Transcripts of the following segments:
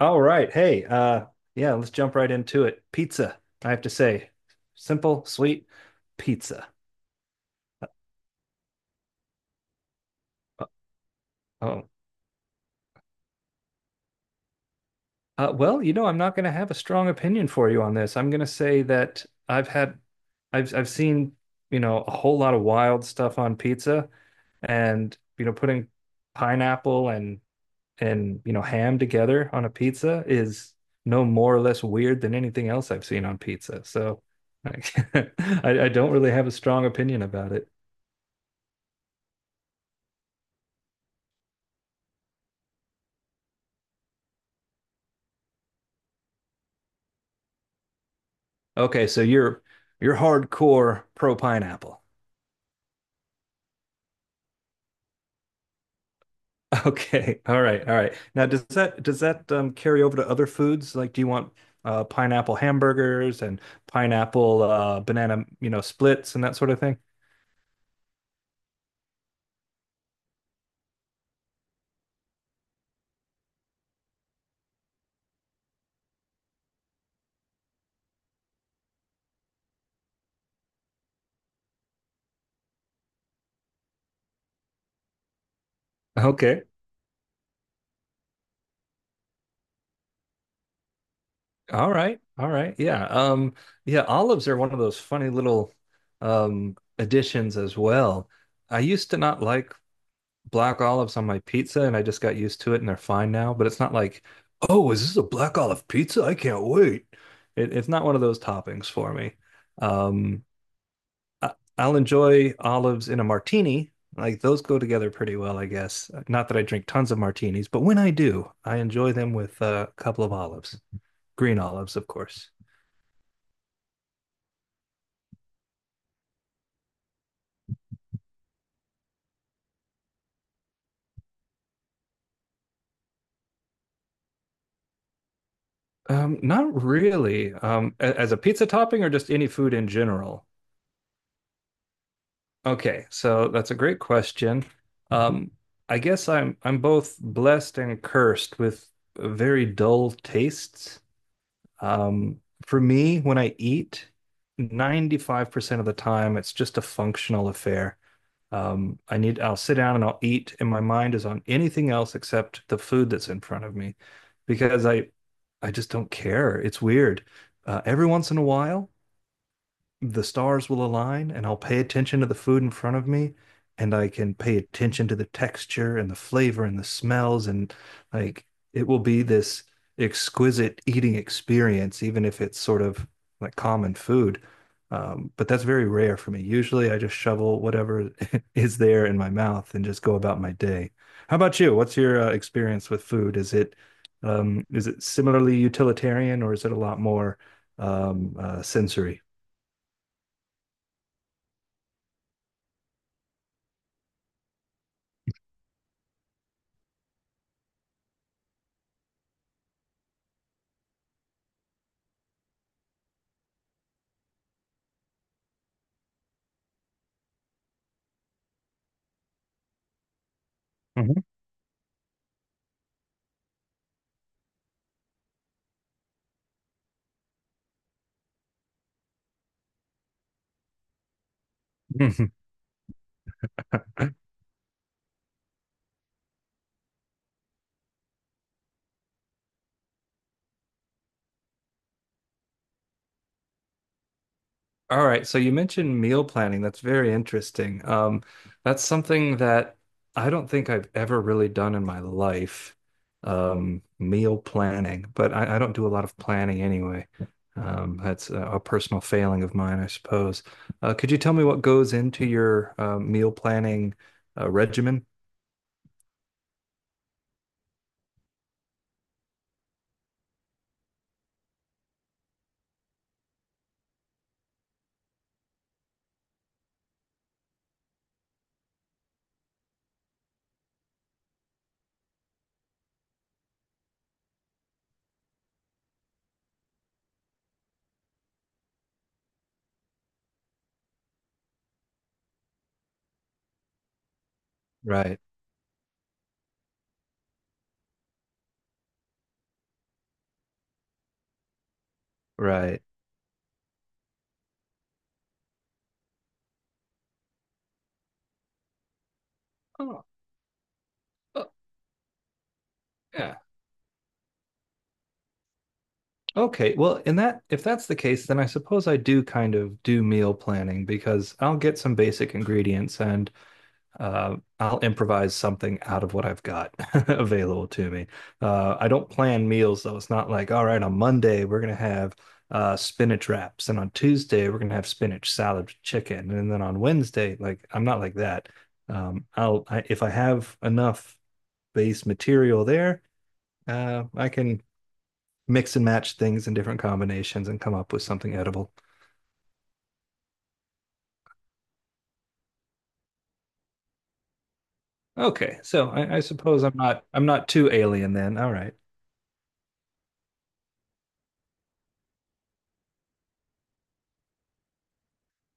All right. Yeah, let's jump right into it. Pizza, I have to say. Simple, sweet pizza. Uh, Oh, well, you know, I'm not going to have a strong opinion for you on this. I'm going to say that I've had, I've seen, you know, a whole lot of wild stuff on pizza and, you know, putting pineapple and, and, you know, ham together on a pizza is no more or less weird than anything else I've seen on pizza. So I, I don't really have a strong opinion about it. Okay, so you're hardcore pro pineapple. Okay, all right, all right. Now, does that carry over to other foods? Like, do you want pineapple hamburgers and pineapple banana, you know, splits and that sort of thing? Okay, all right, all right. Yeah, yeah. Olives are one of those funny little additions as well. I used to not like black olives on my pizza and I just got used to it and they're fine now. But it's not like, oh, is this a black olive pizza? I can't wait. It's not one of those toppings for me. Um, I, I'll enjoy olives in a martini. Like those go together pretty well, I guess. Not that I drink tons of martinis, but when I do, I enjoy them with a couple of olives, green olives, of course. Not really. As a pizza topping or just any food in general? Okay, so that's a great question. Um, I guess I'm both blessed and cursed with very dull tastes. Um, for me, when I eat, 95% of the time, it's just a functional affair. I'll sit down and I'll eat, and my mind is on anything else except the food that's in front of me, because I just don't care. It's weird. Every once in a while the stars will align and I'll pay attention to the food in front of me and I can pay attention to the texture and the flavor and the smells and like it will be this exquisite eating experience even if it's sort of like common food. But that's very rare for me. Usually I just shovel whatever is there in my mouth and just go about my day. How about you? What's your experience with food? Is it similarly utilitarian or is it a lot more sensory? Mhm. Mhm. All right, so you mentioned meal planning. That's very interesting. That's something that I don't think I've ever really done in my life. Meal planning, but I don't do a lot of planning anyway. That's a personal failing of mine, I suppose. Could you tell me what goes into your meal planning regimen? Right, right. Oh, oh, yeah. Okay, well, in that if that's the case, then I suppose I do kind of do meal planning because I'll get some basic ingredients and I'll improvise something out of what I've got available to me. I don't plan meals though. It's not like, all right, on Monday we're gonna have spinach wraps, and on Tuesday we're gonna have spinach salad with chicken, and then on Wednesday, like I'm not like that. If I have enough base material there, I can mix and match things in different combinations and come up with something edible. Okay, so I suppose I'm not too alien then. All right.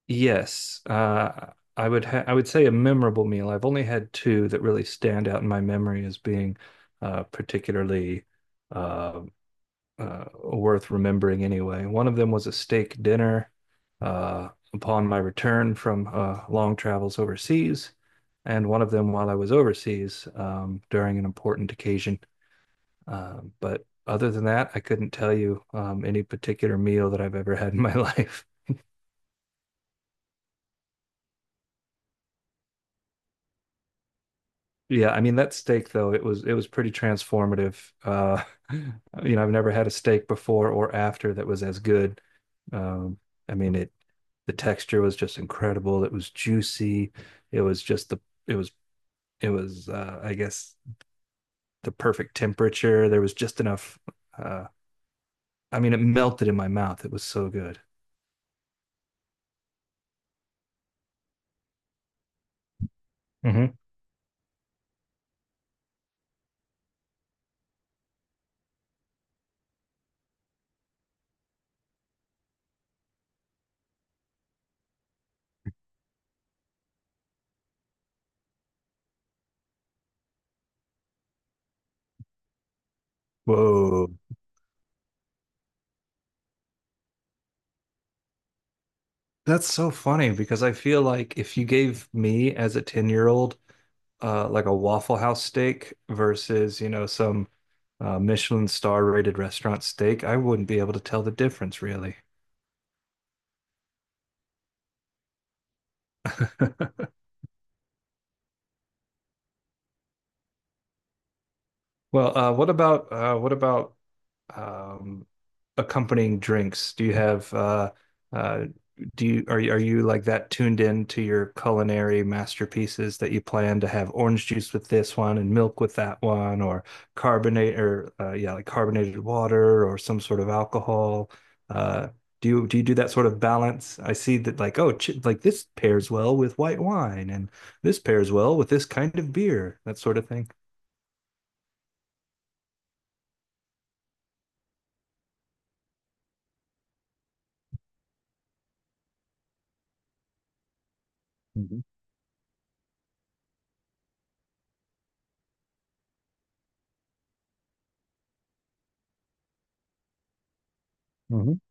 Yes, I would say a memorable meal. I've only had two that really stand out in my memory as being particularly uh, worth remembering. Anyway, one of them was a steak dinner uh, upon my return from long travels overseas, and one of them while I was overseas during an important occasion. But other than that, I couldn't tell you any particular meal that I've ever had in my life. Yeah, I mean that steak though, it was pretty transformative. Uh, you know, I've never had a steak before or after that was as good. Um, I mean it The texture was just incredible. It was juicy. It was just the it was it was I guess the perfect temperature. There was just enough uh, I mean it melted in my mouth. It was so good. Hmm. Whoa. That's so funny because I feel like if you gave me as a 10-year-old like a Waffle House steak versus, you know, some Michelin star rated restaurant steak, I wouldn't be able to tell the difference really. Well, what about um, accompanying drinks? Do you have uh, do you are are you like that tuned in to your culinary masterpieces that you plan to have orange juice with this one and milk with that one or carbonate or yeah like carbonated water or some sort of alcohol? Uh, do you do that sort of balance? I see that like oh ch like this pairs well with white wine and this pairs well with this kind of beer that sort of thing. Mhm. Mhm.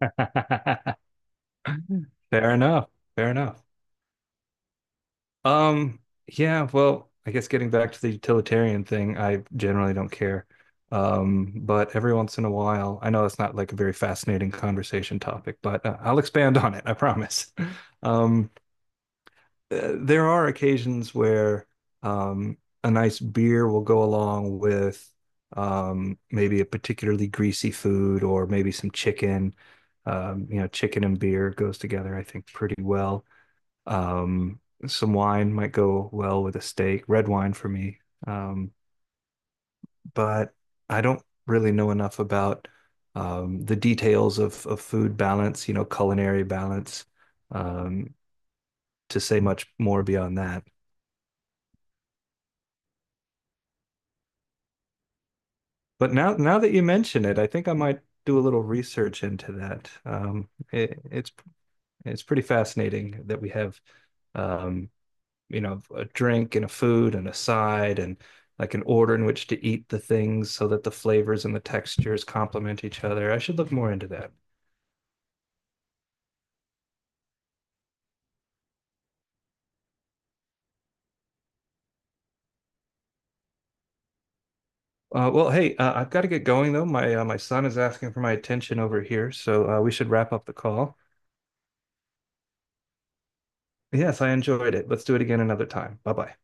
Fair enough. Fair enough. Um, yeah, well, I guess getting back to the utilitarian thing, I generally don't care. But every once in a while, I know that's not like a very fascinating conversation topic, but I'll expand on it, I promise. Um, there are occasions where um, a nice beer will go along with maybe a particularly greasy food or maybe some chicken. You know, chicken and beer goes together, I think, pretty well. Um, some wine might go well with a steak, red wine for me. Um, but I don't really know enough about the details of food balance, you know, culinary balance, um, to say much more beyond that. But now that you mention it, I think I might do a little research into that. It's pretty fascinating that we have um, you know, a drink and a food and a side and like an order in which to eat the things so that the flavors and the textures complement each other. I should look more into that. I've got to get going though. My son is asking for my attention over here, so we should wrap up the call. Yes, I enjoyed it. Let's do it again another time. Bye bye.